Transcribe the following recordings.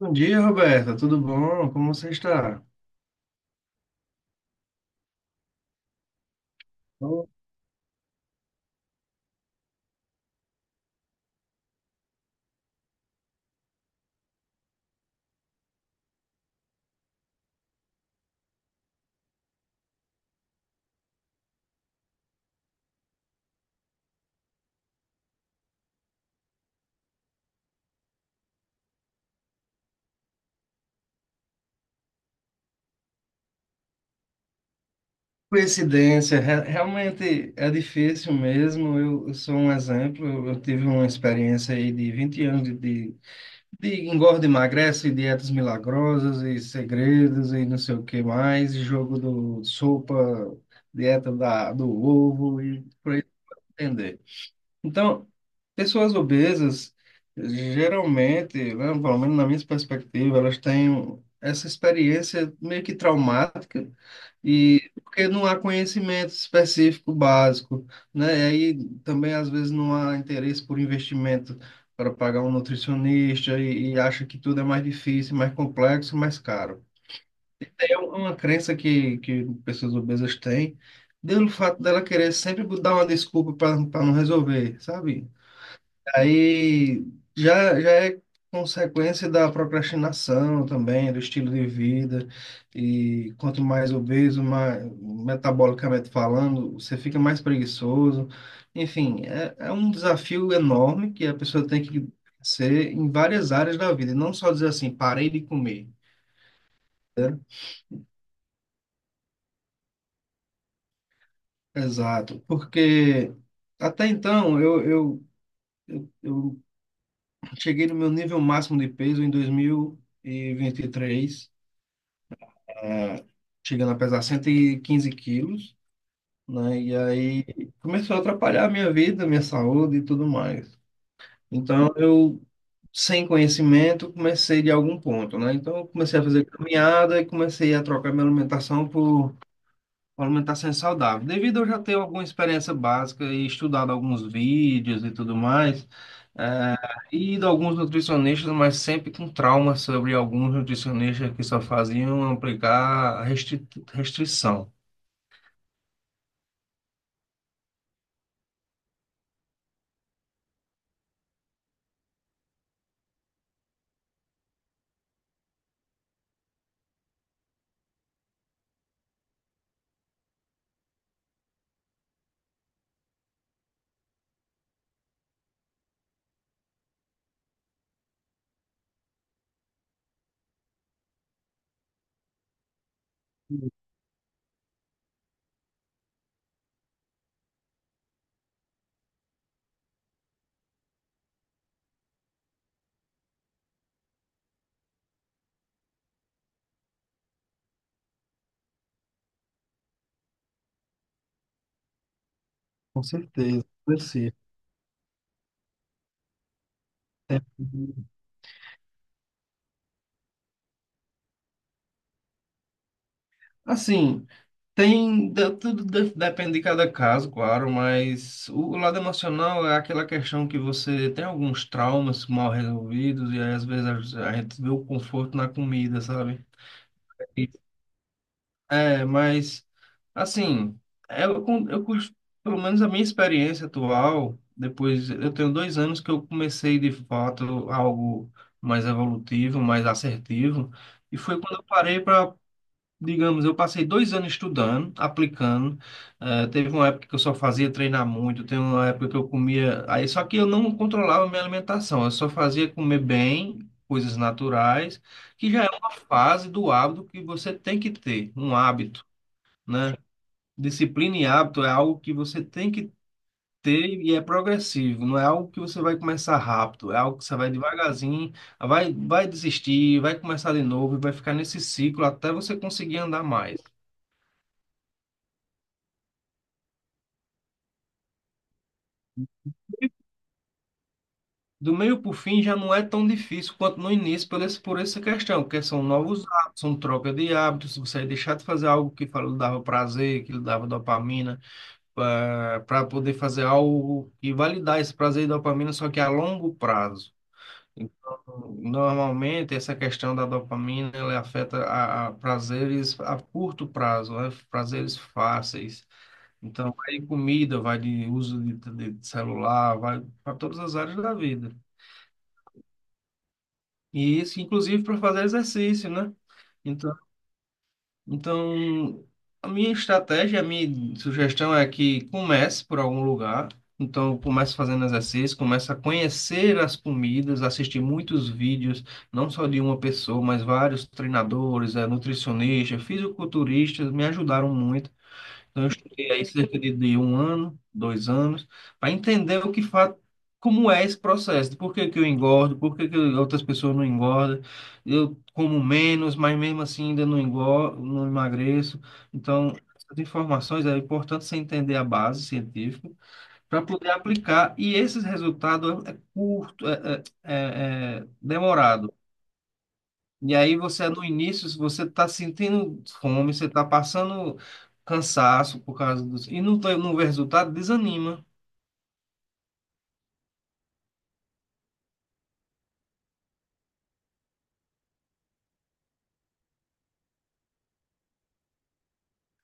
Bom dia, Roberta. Tudo bom? Como você está? Oh, coincidência, realmente é difícil mesmo. Eu sou um exemplo. Eu tive uma experiência aí de 20 anos de engorda, emagrece, dietas milagrosas e segredos e não sei o que mais, e jogo do sopa, dieta da, do ovo e por aí entender. Então, pessoas obesas, geralmente, né, pelo menos na minha perspectiva, elas têm essa experiência meio que traumática, e porque não há conhecimento específico básico, né? E aí também, às vezes, não há interesse por investimento para pagar um nutricionista e acha que tudo é mais difícil, mais complexo, mais caro. É uma crença que pessoas obesas têm, pelo fato dela querer sempre dar uma desculpa para não resolver, sabe? Aí já é consequência da procrastinação também, do estilo de vida. E quanto mais obeso, mais, metabolicamente falando, você fica mais preguiçoso. Enfim, é um desafio enorme que a pessoa tem que ser em várias áreas da vida, e não só dizer assim, parei de comer. Exato, porque até então eu cheguei no meu nível máximo de peso em dois mil e vinte e três, ah, chegando a pesar 115 quilos, né? E aí começou a atrapalhar a minha vida, minha saúde e tudo mais. Então eu, sem conhecimento, comecei de algum ponto, né? Então eu comecei a fazer caminhada e comecei a trocar minha alimentação por uma alimentação saudável. Devido a eu já ter alguma experiência básica e estudado alguns vídeos e tudo mais, e de alguns nutricionistas, mas sempre com trauma sobre alguns nutricionistas que só faziam aplicar restrição. Com certeza. É- assim, tem tudo depende de cada caso, claro, mas o lado emocional é aquela questão que você tem alguns traumas mal resolvidos e aí, às vezes a gente vê o conforto na comida, sabe? É, mas assim, eu, con- eu, cos- pelo menos a minha experiência atual, depois eu tenho 2 anos que eu comecei de fato algo mais evolutivo, mais assertivo, e foi quando eu parei para digamos, eu passei 2 anos estudando, aplicando. Teve uma época que eu só fazia treinar muito, teve uma época que eu comia. Aí, só que eu não controlava a minha alimentação, eu só fazia comer bem, coisas naturais, que já é uma fase do hábito que você tem que ter, um hábito, né? Disciplina e hábito é algo que você tem que ter e é progressivo, não é algo que você vai começar rápido, é algo que você vai devagarzinho, vai desistir, vai começar de novo e vai ficar nesse ciclo até você conseguir andar mais. Do meio para o fim já não é tão difícil quanto no início por essa questão, porque são novos hábitos, são troca de hábitos. Se você deixar de fazer algo que lhe dava prazer, que lhe dava dopamina, para poder fazer algo e validar esse prazer e dopamina, só que a longo prazo. Então, normalmente, essa questão da dopamina, ela afeta a prazeres a curto prazo, né? Prazeres fáceis. Então, vai de comida, vai de uso de celular, vai para todas as áreas da vida. E isso, inclusive para fazer exercício, né? Então, então, a minha estratégia, a minha sugestão é que comece por algum lugar. Então, comece fazendo exercício, comece a conhecer as comidas, assistir muitos vídeos, não só de uma pessoa, mas vários treinadores, nutricionistas, fisiculturistas, me ajudaram muito. Então, eu estudei aí cerca de um ano, 2 anos, para entender o que como é esse processo, de por que que eu engordo, por que que outras pessoas não engordam, eu como menos, mas mesmo assim ainda não engordo, não emagreço. Então, essas informações é importante você entender a base científica para poder aplicar, e esses resultados é curto, é demorado. E aí você no início, você está sentindo fome, você está passando cansaço por causa dos. E não, não vê resultado, desanima.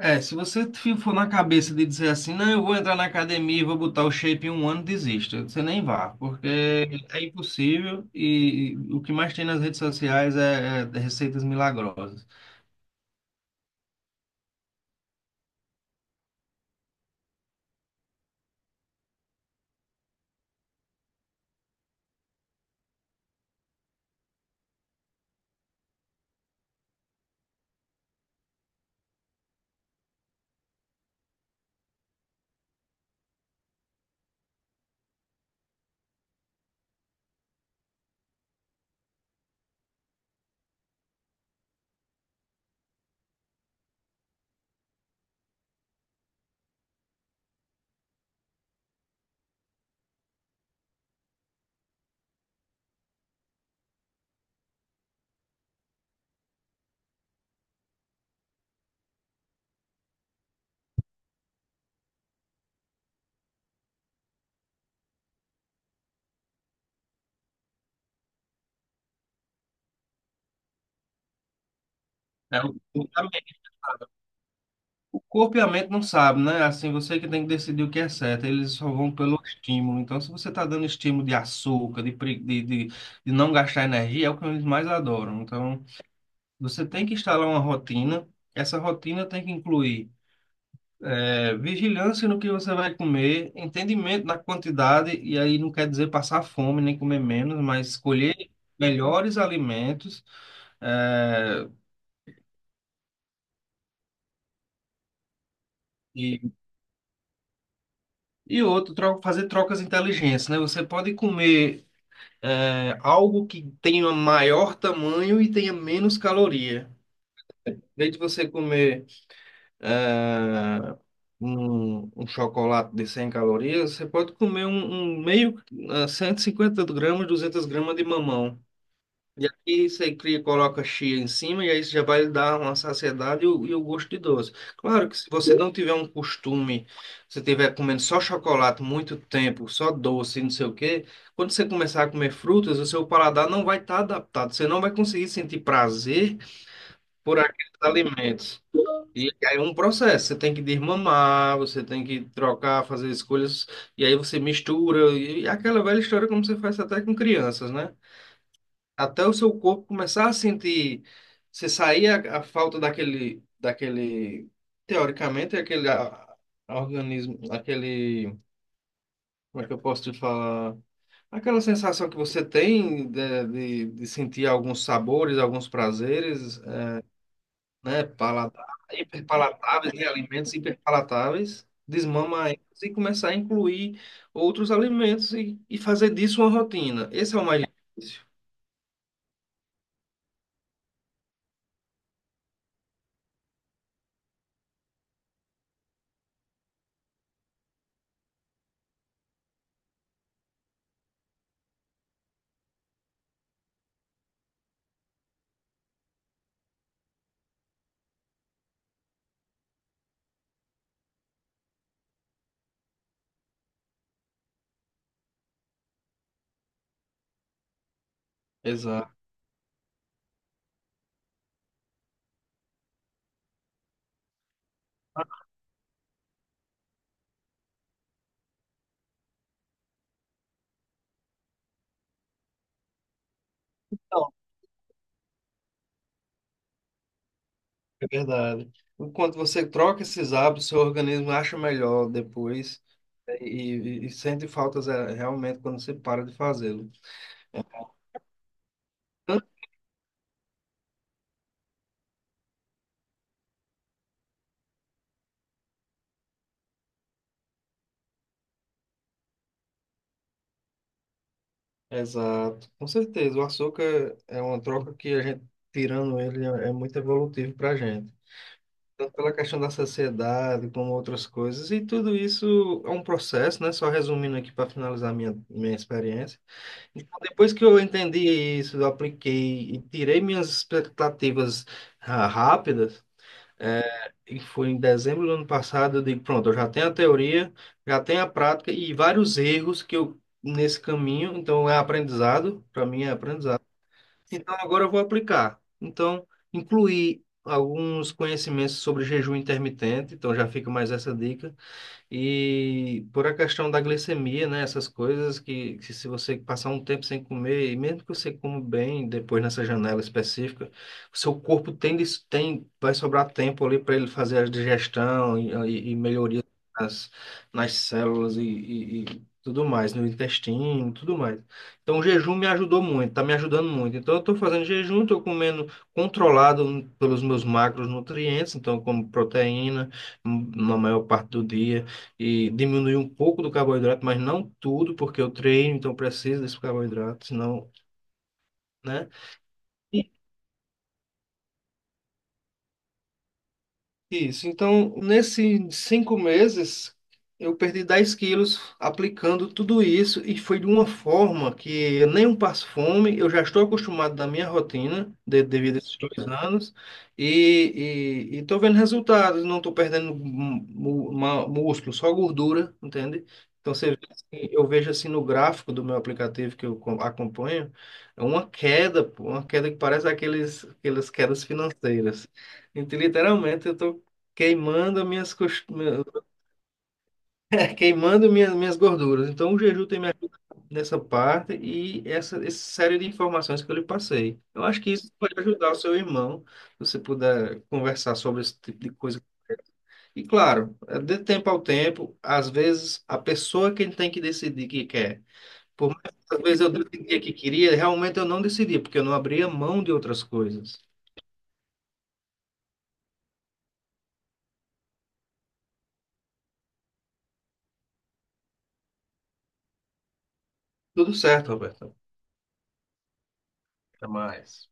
É, se você for na cabeça de dizer assim, não, eu vou entrar na academia e vou botar o shape em um ano, desista. Você nem vá, porque é impossível e o que mais tem nas redes sociais é receitas milagrosas. É, o caminho. O corpo e a mente não sabem, né? Assim, você que tem que decidir o que é certo. Eles só vão pelo estímulo. Então, se você está dando estímulo de açúcar, de, pre- de não gastar energia, é o que eles mais adoram. Então, você tem que instalar uma rotina. Essa rotina tem que incluir vigilância no que você vai comer, entendimento da quantidade, e aí não quer dizer passar fome nem comer menos, mas escolher melhores alimentos. eh, e, e outro, fazer trocas inteligentes, né? Você pode comer algo que tenha maior tamanho e tenha menos caloria. Em vez de você comer é, um chocolate de 100 calorias, você pode comer um meio, 150 gramas, 200 gramas de mamão. E aqui você cria, coloca chia em cima e aí você já vai dar uma saciedade e o gosto de doce. Claro que se você não tiver um costume, se tiver comendo só chocolate muito tempo, só doce, e não sei o quê, quando você começar a comer frutas, o seu paladar não vai estar adaptado. Você não vai conseguir sentir prazer por aqueles alimentos. E aí é um processo. Você tem que desmamar, você tem que trocar, fazer escolhas, e aí você mistura. E aquela velha história como você faz até com crianças, né? Até o seu corpo começar a sentir, você sair a falta daquele, teoricamente, aquele organismo, aquele, como é que eu posso te falar? Aquela sensação que você tem de sentir alguns sabores, alguns prazeres, né, hiperpalatáveis, né, alimentos hiperpalatáveis, desmama eles e começar a incluir outros alimentos e fazer disso uma rotina. Esse é o mais difícil. Exato. É verdade. Enquanto você troca esses hábitos, seu organismo acha melhor depois, né, e sente faltas realmente quando você para de fazê-lo. Tanto- Exato, com certeza. O açúcar é uma troca que a gente, tirando ele, é muito evolutivo para a gente. Tanto pela questão da saciedade, como outras coisas. E tudo isso é um processo, né? Só resumindo aqui para finalizar minha experiência. Então, depois que eu entendi isso, eu apliquei e tirei minhas expectativas rápidas. é, E foi em dezembro do ano passado, eu digo, pronto, eu já tenho a teoria, já tenho a prática e vários erros que eu nesse caminho, então é aprendizado, para mim é aprendizado. Então agora eu vou aplicar. Então, incluir alguns conhecimentos sobre jejum intermitente, então já fica mais essa dica. E por a questão da glicemia, né? Essas coisas que se você passar um tempo sem comer, e mesmo que você coma bem depois nessa janela específica, o seu corpo tem vai sobrar tempo ali para ele fazer a digestão e melhoria nas, nas células e tudo mais, no intestino, tudo mais. Então o jejum me ajudou muito, tá me ajudando muito. Então eu estou fazendo jejum, estou comendo controlado pelos meus macronutrientes, então eu como proteína na maior parte do dia e diminuir um pouco do carboidrato, mas não tudo, porque eu treino, então preciso desse carboidrato, senão, né? Isso. Então, nesses 5 meses, eu perdi 10 quilos aplicando tudo isso e foi de uma forma que eu nem um passo fome, eu já estou acostumado da minha rotina, devido a esses 2 anos, e estou vendo resultados, não estou perdendo músculo, só gordura, entende? Então, você, vê assim, eu vejo assim no gráfico do meu aplicativo que eu acompanho, é uma queda, pô, uma queda que parece aqueles, aquelas quedas financeiras. Então, literalmente, eu estou queimando minhas cos- meu- queimando minhas gorduras. Então, o jejum tem me ajudado nessa parte e essa série de informações que eu lhe passei. Eu acho que isso pode ajudar o seu irmão, se você puder conversar sobre esse tipo de coisa. E claro, é de tempo ao tempo, às vezes a pessoa que tem que decidir que quer. Por mais que às vezes eu decidia que queria, realmente eu não decidi, porque eu não abria mão de outras coisas. Tudo certo, Roberto. Até mais.